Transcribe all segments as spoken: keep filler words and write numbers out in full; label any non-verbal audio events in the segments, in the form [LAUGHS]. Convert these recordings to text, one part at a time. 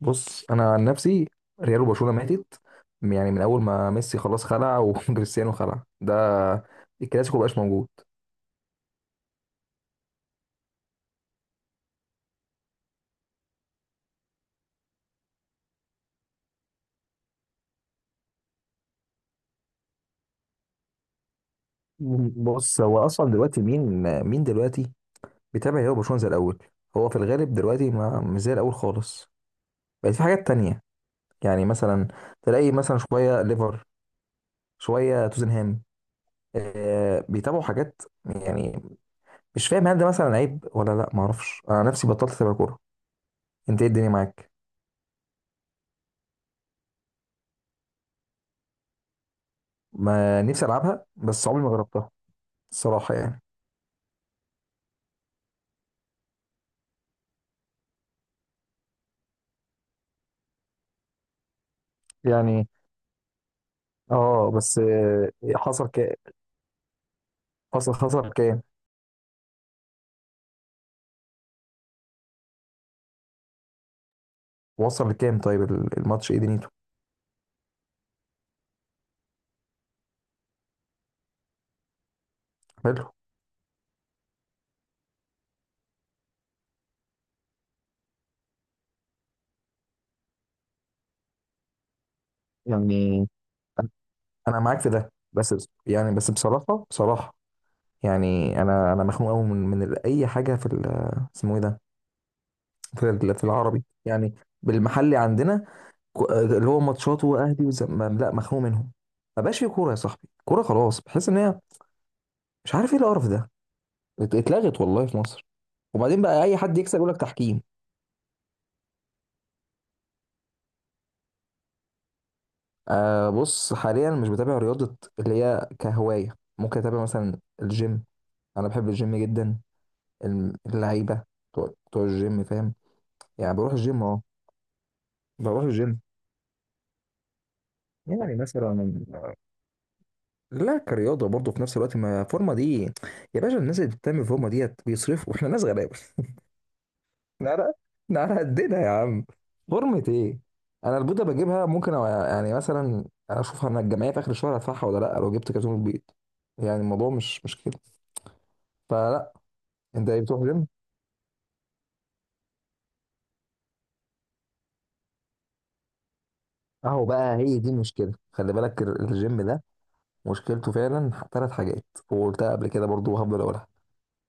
بص انا عن نفسي، ريال وبرشلونه ماتت. يعني من اول ما ميسي خلاص خلع وكريستيانو [LAUGHS] خلع ده، الكلاسيكو مبقاش موجود. بص هو اصلا دلوقتي مين، مين دلوقتي بيتابع ريال وبرشلونه زي الاول؟ هو في الغالب دلوقتي ما مش زي الاول خالص. بقت في حاجات تانية. يعني مثلا تلاقي مثلا شويه ليفر، شويه توتنهام، آه بيتابعوا حاجات يعني. مش فاهم هل ده مثلا عيب ولا لا، ما اعرفش، انا نفسي بطلت اتابع كوره. انت ايه الدنيا معاك؟ ما نفسي العبها بس عمري ما جربتها. الصراحة يعني. يعني اه، بس آه، حصل كام؟ اصل خسر كام؟ وصل لكام؟ طيب ال- الماتش ايه دنيته؟ حلو. يعني انا أنا معاك في ده بس بس- يعني بس بصراحة بصراحة. يعني انا انا مخنوق قوي من من ال- اي حاجة في ال- اسمه ايه ده؟ في ال- في العربي يعني، بالمحلي عندنا، كو- آه، اللي هو ماتشاته واهلي وزم... لا، مخنوق منهم. ما بقاش في كورة يا صاحبي، كورة خلاص، بحس ان هي، مش عارف ايه القرف ده، ات- اتلغت والله في مصر. وبعدين بقى اي حد يكسب يقول لك تحكيم. أه بص، حاليا مش بتابع رياضة. اللي هي كهواية ممكن أتابع مثلا الجيم، أنا بحب الجيم جدا. الم- اللعيبة بتوع بتوع الجيم فاهم. يعني بروح الجيم أه، بروح الجيم. يعني مثلا لا، كرياضة برضه في نفس الوقت، ما فورمة دي يا باشا، الناس اللي بتعمل فورمة ديت بيصرفوا [LAUGHS] احنا ناس غلابة [LAUGHS] احنا على، احنا على [LAUGHS] قدنا يا عم. فورمة ايه؟ أنا البيضة بجيبها ممكن، أو يعني مثلا أشوفها أنا، الجمعية في آخر الشهر هدفعها ولا لأ لو جبت كرتون البيض. يعني الموضوع مش مش كده. فلا. انت ايه بتروح جيم؟ اهو بقى هي دي المشكله. خلي بالك ال- الجيم ده مشكلته فعلا ثلاث حاجات، وقلتها قبل كده برضو وهفضل اقولها: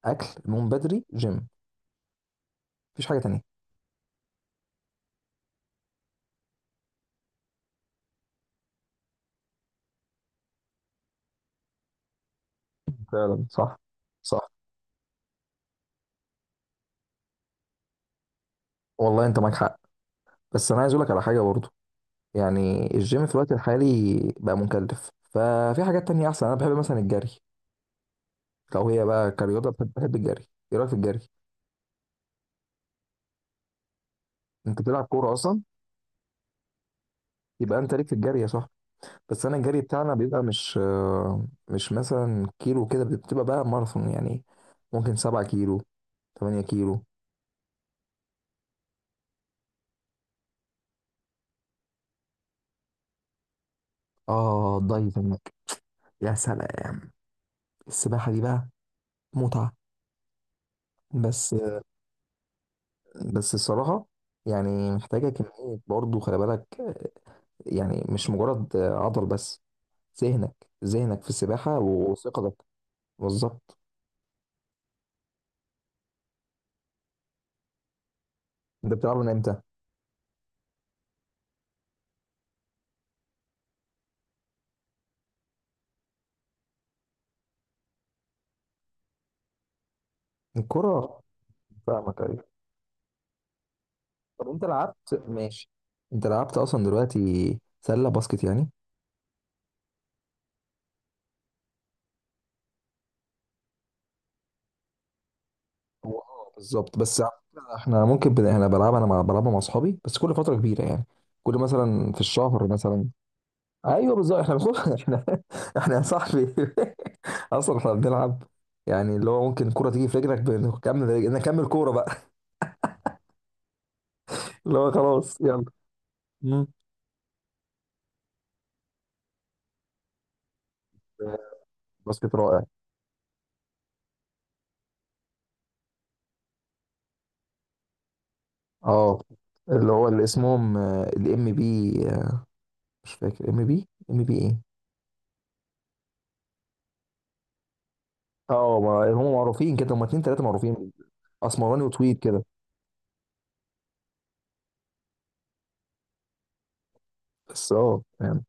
اكل، نوم بدري، جيم. مفيش حاجه تانية. فعلا صح. صح. والله انت معاك حق، بس انا عايز اقول لك على حاجه برضو. يعني الجيم في الوقت الحالي بقى مكلف، ففي حاجات تانية احسن. انا بحب مثلا الجري. لو هي بقى كرياضه، بحب بحب الجري. ايه رايك في الجري؟ انت بتلعب كوره اصلا، يبقى انت ليك في الجري يا صاحبي. بس انا الجري بتاعنا بيبقى مش آه، مش مثلا كيلو كده، بتبقى بقى ماراثون يعني، ممكن سبعة كيلو، تمانية كيلو. اه دايفنج، يا سلام. السباحة دي بقى متعة. بس آه، بس الصراحة يعني محتاجة كمية برضه، خلي بالك آه، يعني مش مجرد آه، عضل بس، ذهنك، ذهنك في السباحة وثقتك. بالظبط. انت بتلعب من امتى؟ الكرة. فاهمك ايوه. طب انت لعبت، ماشي، انت لعبت اصلا دلوقتي سلة باسكت يعني؟ هو اه بالظبط، بس على فكرة احنا ممكن بن... احنا بلعبها انا مع... بلعبها مع اصحابي بس كل فتره كبيره يعني، كل مثلا في الشهر مثلا. ايوه بالظبط، احنا بنخش [LAUGHS] احنا، احنا يا صاحبي [LAUGHS] اصلا احنا بنلعب، يعني اللي هو ممكن الكوره تيجي في رجلك بنكمل، نكمل كوره بقى. [LAUGHS] اللي هو خلاص يلا. مم. باسكت رائع. اه اللي هو اللي اسمهم الام بي، مش فاكر ام بي، ام بي ايه. اه ما هم معروفين كده، هم اتنين تلاته معروفين. اسمراني وطويل كده. بس اه يعني،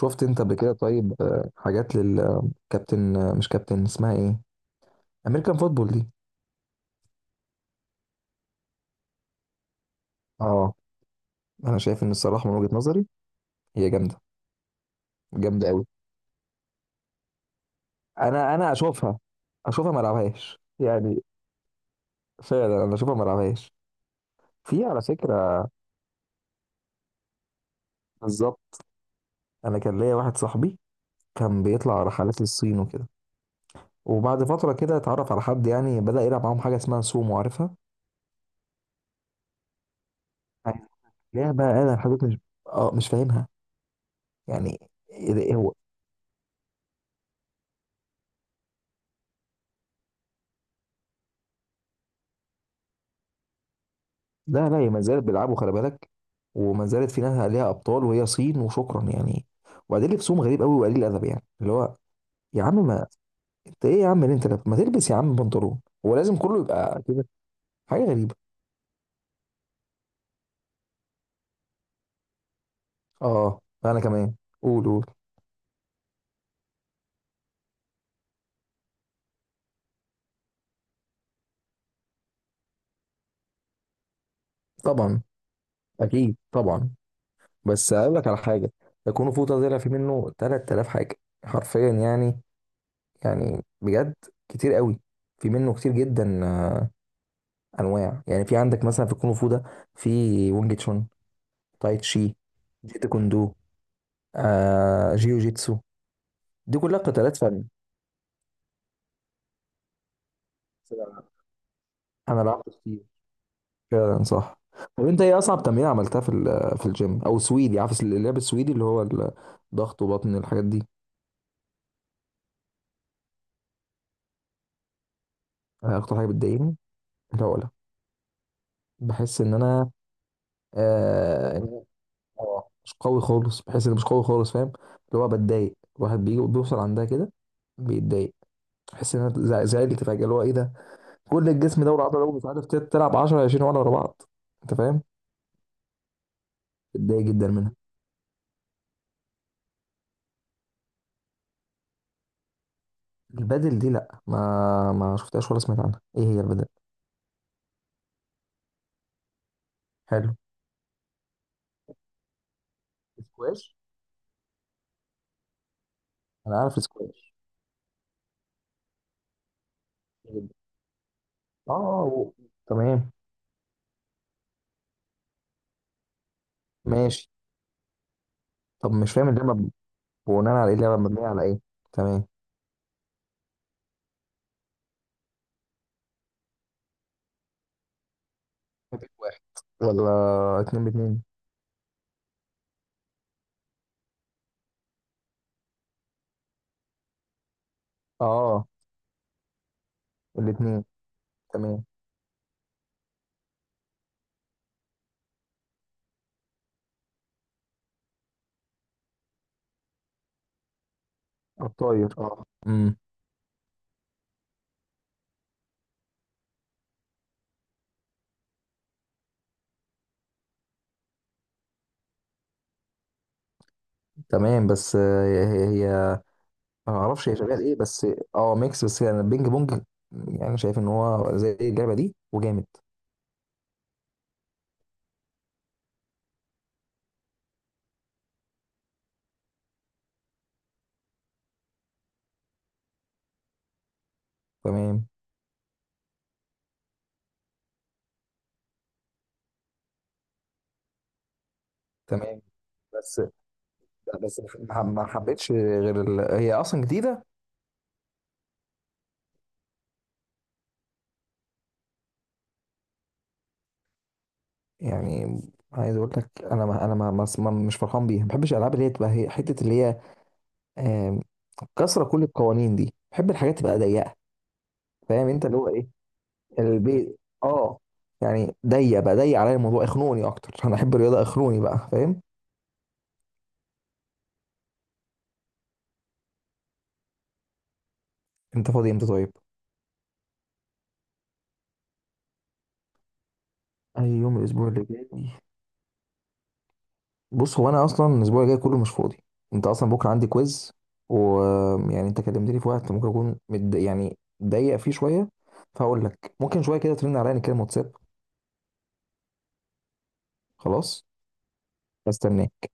شفت انت قبل كده طيب آه، حاجات للكابتن، مش كابتن اسمها ايه، امريكان فوتبول دي؟ اه انا شايف ان الصراحه من وجهه نظري هي جامده، جامده قوي. انا انا اشوفها، اشوفها ما العبهاش يعني. فعلا انا اشوفها ما العبهاش. في على فكره، بالظبط، انا كان ليا واحد صاحبي كان بيطلع رحلات للصين وكده، وبعد فتره كده اتعرف على حد يعني، بدا يلعب معاهم حاجه اسمها سومو، عارفها؟ لعبه انا لحد دلوقتي مش، اه مش فاهمها يعني. إيه ده؟ إيه هو؟ لا لا، هي ما زالت بيلعبوا، خلي بالك، وما زالت في ناس عليها ابطال، وهي صين وشكرا يعني. وبعدين لبسهم غريب قوي وقليل ادب يعني، اللي هو يا عم ما، انت ايه يا عم اللي انت لابس؟ ما تلبس يا عم بنطلون، هو لازم كله يبقى كده؟ حاجه غريبه. اه انا كمان، قول قول. طبعا، اكيد طبعا. بس اقول لك على حاجه، يكون فوطه طلع في منه ثلاثة آلاف حاجه، حرفيا يعني، يعني بجد كتير قوي، في منه كتير جدا آه، انواع يعني. في عندك مثلا في الكونغ فو ده، في وينج تشون، تاي تشي، جيتو كوندو، آه جيو جيتسو، دي كلها قتالات فن. انا لعبت كتير. فعلا صح. طب انت ايه اصعب تمرين عملتها في ال- في الجيم او سويدي، عارف اللعب السويدي اللي هو الضغط وبطن الحاجات دي؟ أنا اكتر حاجه بتضايقني العقله. بحس ان انا، آه إن أنا- آه، مش قوي خالص، بحس ان مش قوي خالص فاهم. اللي هو بتضايق، الواحد بيجي بيوصل عندها كده بيتضايق. بحس ان انا زع- زعلت فجاه، اللي هو ايه ده؟ كل الجسم ده والعضله لو مش عارف تت- تلعب عشرة، عشرين ولا ورا بعض، انت فاهم. بتضايق جدا منها. البادل دي لا، ما ما شفتهاش ولا سمعت عنها، ايه هي البادل؟ حلو، سكواش، انا عارف السكواش. اه و، تمام. ماشي. طب مش فاهم اللعبه ب- بناء على ايه؟ اللعبه مبنيه على ايه؟ تمام. مفيش واحد، ولا اتنين باتنين؟ اه الاتنين. تمام. الطاير اه، امم. تمام بس آه، هي، هي انا ما اعرفش هي شغال ايه بس. اه ميكس، بس يعني البينج بونج، يعني شايف ان هو زي اللعبه دي وجامد. تمام. تمام، بس بس ما ما حبيتش غير ال... هي اصلا جديده؟ يعني عايز اقول لك انا، ما انا ما ما ما- مش فرحان بيها، ما بحبش الالعاب اللي هي تبقى هي حته اللي هي آم، كسره كل القوانين دي. بحب الحاجات تبقى ضيقه. فاهم انت اللي هو ايه، البيت اه، يعني ضيق بقى، ضيق عليا الموضوع اخنوني اكتر. انا احب الرياضه اخنوني بقى فاهم. انت فاضي امتى طيب؟ اي يوم الاسبوع اللي جاي. بص هو انا اصلا الاسبوع الجاي كله مش فاضي، انت اصلا بكره عندي كويز، ويعني انت كلمتني في وقت ممكن اكون مد... يعني ضيق فيه شويه. فهقول لك ممكن شويه كده ترن عليا نتكلم واتساب. خلاص، استناه.